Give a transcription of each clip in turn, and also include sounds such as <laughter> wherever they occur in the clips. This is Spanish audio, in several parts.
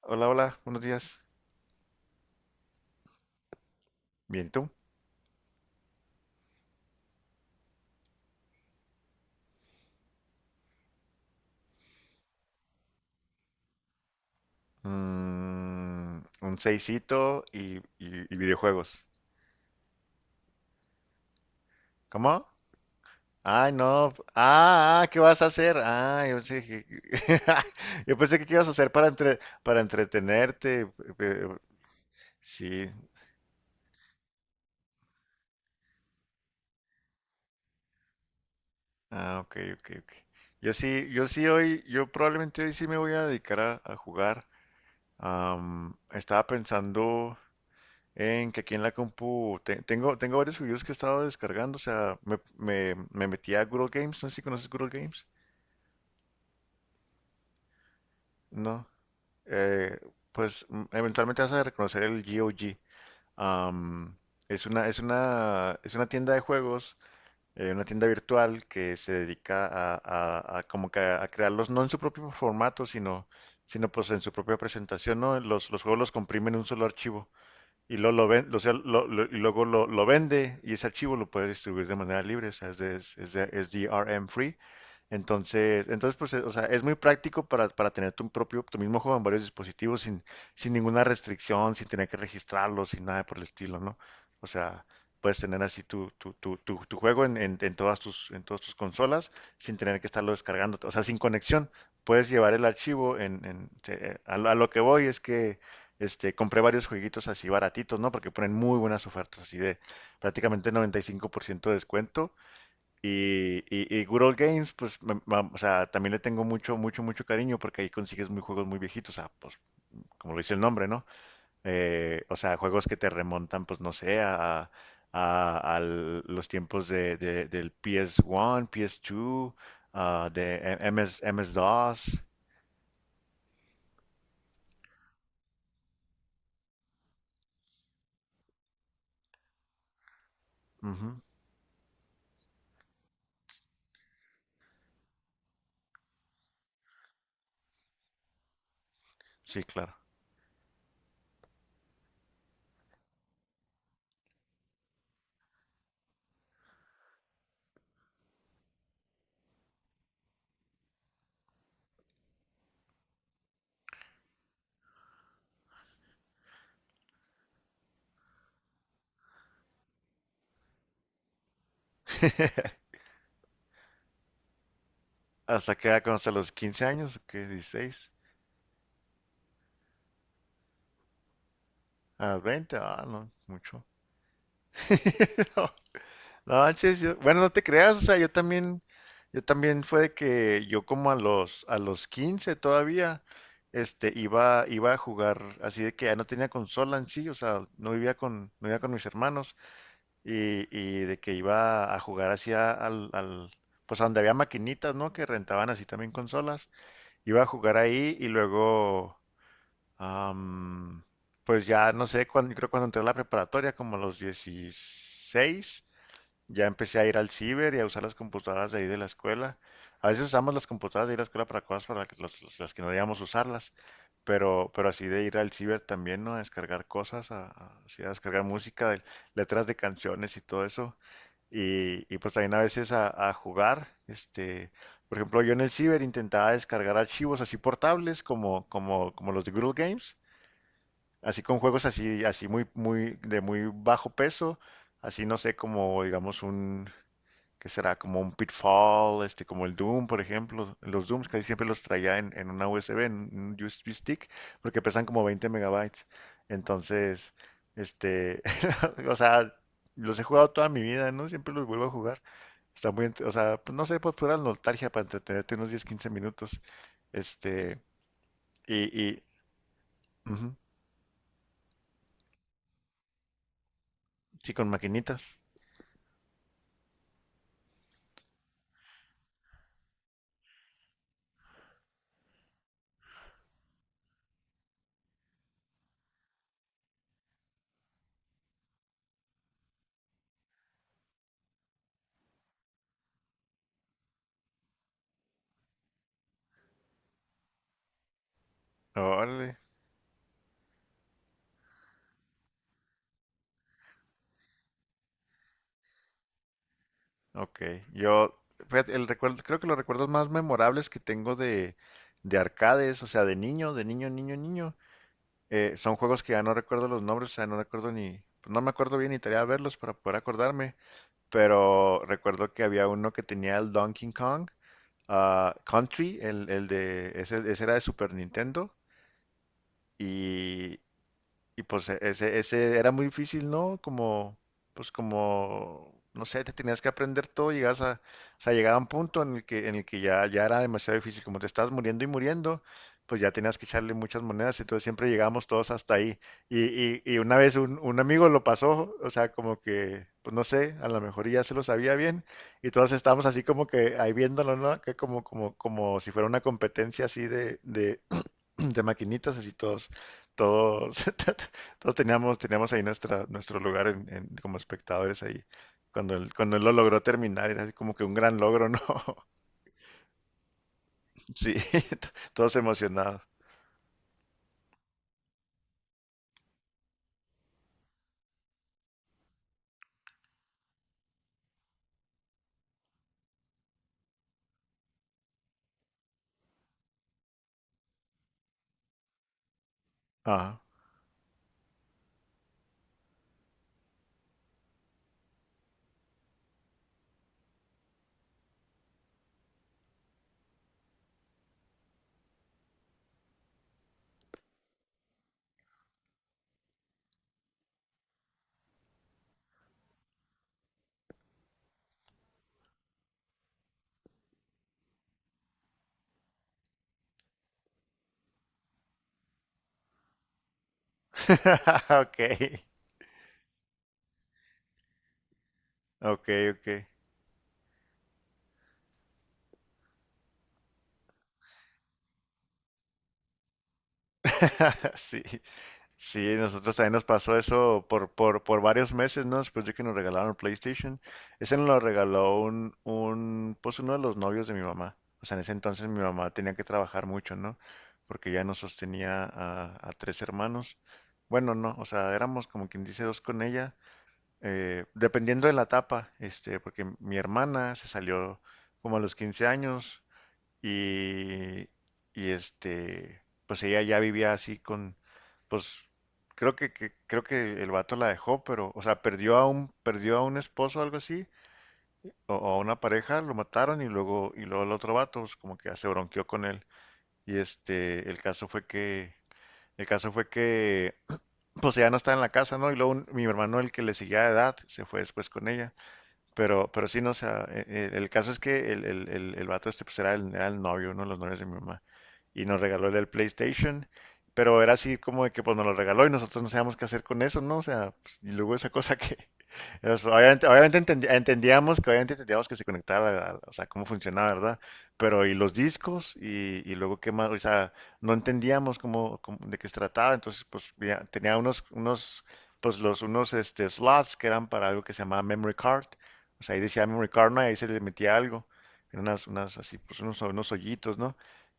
Hola, hola, buenos días. Bien, ¿y tú? Un seisito y videojuegos. ¿Cómo? Ay, no. ¿Qué vas a hacer? Ah, <laughs> yo pensé que qué ibas a hacer para entretenerte. eh, Sí. Ah, ok, ok, ok. Yo probablemente hoy sí me voy a dedicar a jugar. Estaba pensando en que aquí en la compu tengo varios juegos que he estado descargando. O sea, me metí a Google Games. ¿No sé si conoces Google Games? No, eh, pues eventualmente vas a reconocer el GOG. Am, es una tienda de juegos, una tienda virtual que se dedica a como que a crearlos, no en su propio formato, sino, sino pues en su propia presentación, ¿no? Los juegos los comprimen en un solo archivo. Y luego lo, ven- o sea, lo- y luego lo vende, y ese archivo lo puede distribuir de manera libre. O sea, es DRM free. Entonces pues, o sea, es muy práctico para tener tu propio, tu mismo juego en varios dispositivos sin, sin ninguna restricción, sin tener que registrarlo, sin nada por el estilo, ¿no? O sea, puedes tener así tu juego en todas en todas tus consolas sin tener que estarlo descargando, o sea, sin conexión. Puedes llevar el archivo en, a lo que voy es que compré varios jueguitos así baratitos, ¿no? Porque ponen muy buenas ofertas, así de prácticamente 95% de descuento. Y Good Old Games, pues, o sea, también le tengo mucho, mucho, mucho cariño, porque ahí consigues muy juegos muy viejitos. O sea, pues, como lo dice el nombre, ¿no? O sea, juegos que te remontan, pues, no sé, a los tiempos del PS1, PS2, ah, de MS, MS-DOS. Ujú. Sí, claro. <laughs> ¿Hasta qué edad? ¿Conoce a los 15 años? ¿O qué? Dieciséis. ¿A los veinte? Ah, no, mucho. <laughs> No, no manches, yo- bueno, no te creas. O sea, yo también fue de que yo como a los 15 todavía, iba, iba a jugar, así de que ya no tenía consola en sí. O sea, no vivía con, no vivía con mis hermanos, y de que iba a jugar así al, pues a donde había maquinitas, ¿no? Que rentaban así también consolas. Iba a jugar ahí y luego... Am, pues ya no sé, cuando, yo creo cuando entré a la preparatoria, como a los 16, ya empecé a ir al ciber y a usar las computadoras de ahí de la escuela. A veces usamos las computadoras de ahí de la escuela para cosas para las que, las que no debíamos usarlas. Pero así de ir al ciber también, ¿no? A descargar cosas, así a descargar música, letras de canciones y todo eso. Pues también a veces a jugar, por ejemplo, yo en el ciber intentaba descargar archivos así portables como, como los de Google Games. Así con juegos así, así muy, muy, de muy bajo peso, así no sé, como digamos un, ¿qué será? Como un Pitfall, este, como el Doom, por ejemplo. Los Dooms casi siempre los traía en una USB, en un USB stick, porque pesan como 20 megabytes. Entonces, este, <laughs> o sea, los he jugado toda mi vida, ¿no? Siempre los vuelvo a jugar. Está muy, o sea, pues no sé, pues pura nostalgia para entretenerte unos 10 15 minutos. Este, y, y ujú, sí, con maquinitas. Órale. Ok, yo, fíjate, el recuerdo, creo que los recuerdos más memorables que tengo de arcades, o sea, de niño, de niño, son juegos que ya no recuerdo los nombres. O sea, no recuerdo ni, pues, no me acuerdo bien ni tarea de verlos para poder acordarme, pero recuerdo que había uno que tenía el Donkey Kong, ah, Country, ese era de Super Nintendo. Y pues ese, ese era muy difícil, ¿no? Como, pues como, no sé, te tenías que aprender todo. Llegabas a, o sea, llegaba un punto en el que, ya era demasiado difícil, como te estabas muriendo y muriendo, pues ya tenías que echarle muchas monedas. Entonces siempre llegábamos todos hasta ahí. Y una vez un amigo lo pasó. O sea, como que, pues no sé, a lo mejor ya se lo sabía bien, y todos estábamos así como que ahí viéndolo, ¿no? Que como si fuera una competencia así <clears throat> de maquinitas. Así todos, todos, <laughs> todos teníamos, teníamos ahí nuestra, nuestro lugar como espectadores ahí. Cuando él lo logró terminar, era así como que un gran logro, ¿no? <laughs> Sí, todos emocionados. Ajá. <laughs> Ok, ok, ok. <laughs> Sí. Sí, nosotros también nos pasó eso por varios meses, ¿no? Después de que nos regalaron el PlayStation. Ese nos lo regaló pues uno de los novios de mi mamá. O sea, en ese entonces mi mamá tenía que trabajar mucho, ¿no? Porque ya nos sostenía a tres hermanos. Bueno, no, o sea, éramos como quien dice dos con ella, dependiendo de la etapa, porque mi hermana se salió como a los 15 años, y, este, pues ella ya vivía así con, pues creo que, creo que el vato la dejó. Pero, o sea, perdió a un esposo o algo así, o a una pareja, lo mataron. Y luego, y luego el otro vato, pues como que ya se bronqueó con él. Y este, el caso fue que <clears throat> pues ella no estaba en la casa, ¿no? Y luego mi hermano, el que le seguía de edad, se fue después con ella. Pero sí, no, o sea, el caso es que el vato este pues era el novio, uno de los novios de mi mamá. Y nos regaló el PlayStation, pero era así como de que pues nos lo regaló y nosotros no sabíamos qué hacer con eso, ¿no? O sea, pues, y luego esa cosa que, <laughs> es, obviamente, entendíamos que obviamente entendíamos que se conectaba, o sea, cómo funcionaba, ¿verdad? Pero y los discos y luego qué más, o sea, no entendíamos de qué se trataba. Entonces pues ya tenía unos pues los unos este slots que eran para algo que se llamaba memory card. O sea, ahí decía memory card, ¿no? Y ahí se le metía algo. Eran unas, unas así, pues unos, unos hoyitos, ¿no?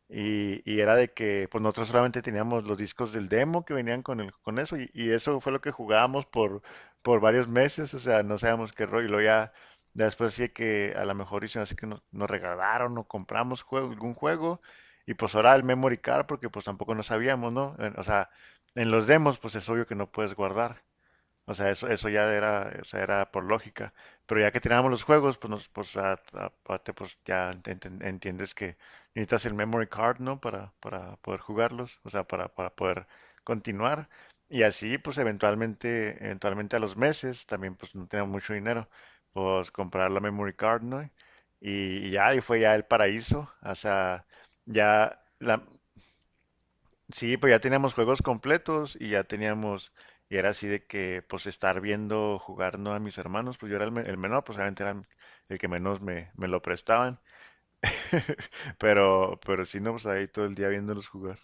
Y era de que pues nosotros solamente teníamos los discos del demo que venían con el, con eso. Y eso fue lo que jugábamos por varios meses. O sea, no sabíamos qué rollo. Y luego ya, ya después sí que a lo mejor hicieron así que nos regalaron o compramos juego, algún juego, y pues ahora el memory card, porque pues tampoco no sabíamos, ¿no? O sea, en los demos, pues es obvio que no puedes guardar. O sea, eso ya era, o sea, era por lógica. Pero ya que tirábamos los juegos, pues, nos, pues, aparte, pues ya entiendes que necesitas el memory card, ¿no? Para poder jugarlos, o sea, para poder continuar. Y así, pues eventualmente a los meses, también pues no teníamos mucho dinero, pues comprar la memory card, ¿no? Y, ya, y fue ya el paraíso. O sea, ya la, sí, pues ya teníamos juegos completos y ya teníamos, y era así de que, pues estar viendo jugar, ¿no?, a mis hermanos. Pues yo era el, el menor, pues obviamente era el que menos me lo prestaban. <laughs> Pero sí, no, pues ahí todo el día viéndolos jugar.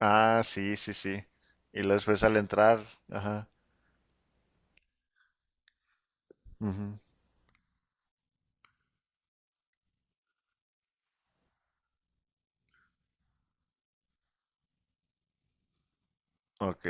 Ah, sí, sí, sí. Y luego después al entrar, ajá, ujú, ok,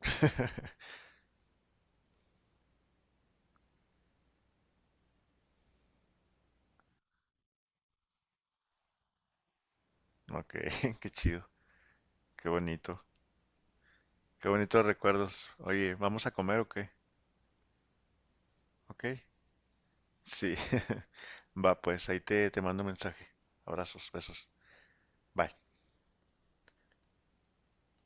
<laughs> ok, <laughs> qué chido, qué bonito, qué bonitos recuerdos. Oye, ¿vamos a comer o qué? Ok. Sí. <laughs> Va, pues ahí te mando un mensaje. Abrazos, besos. Bye.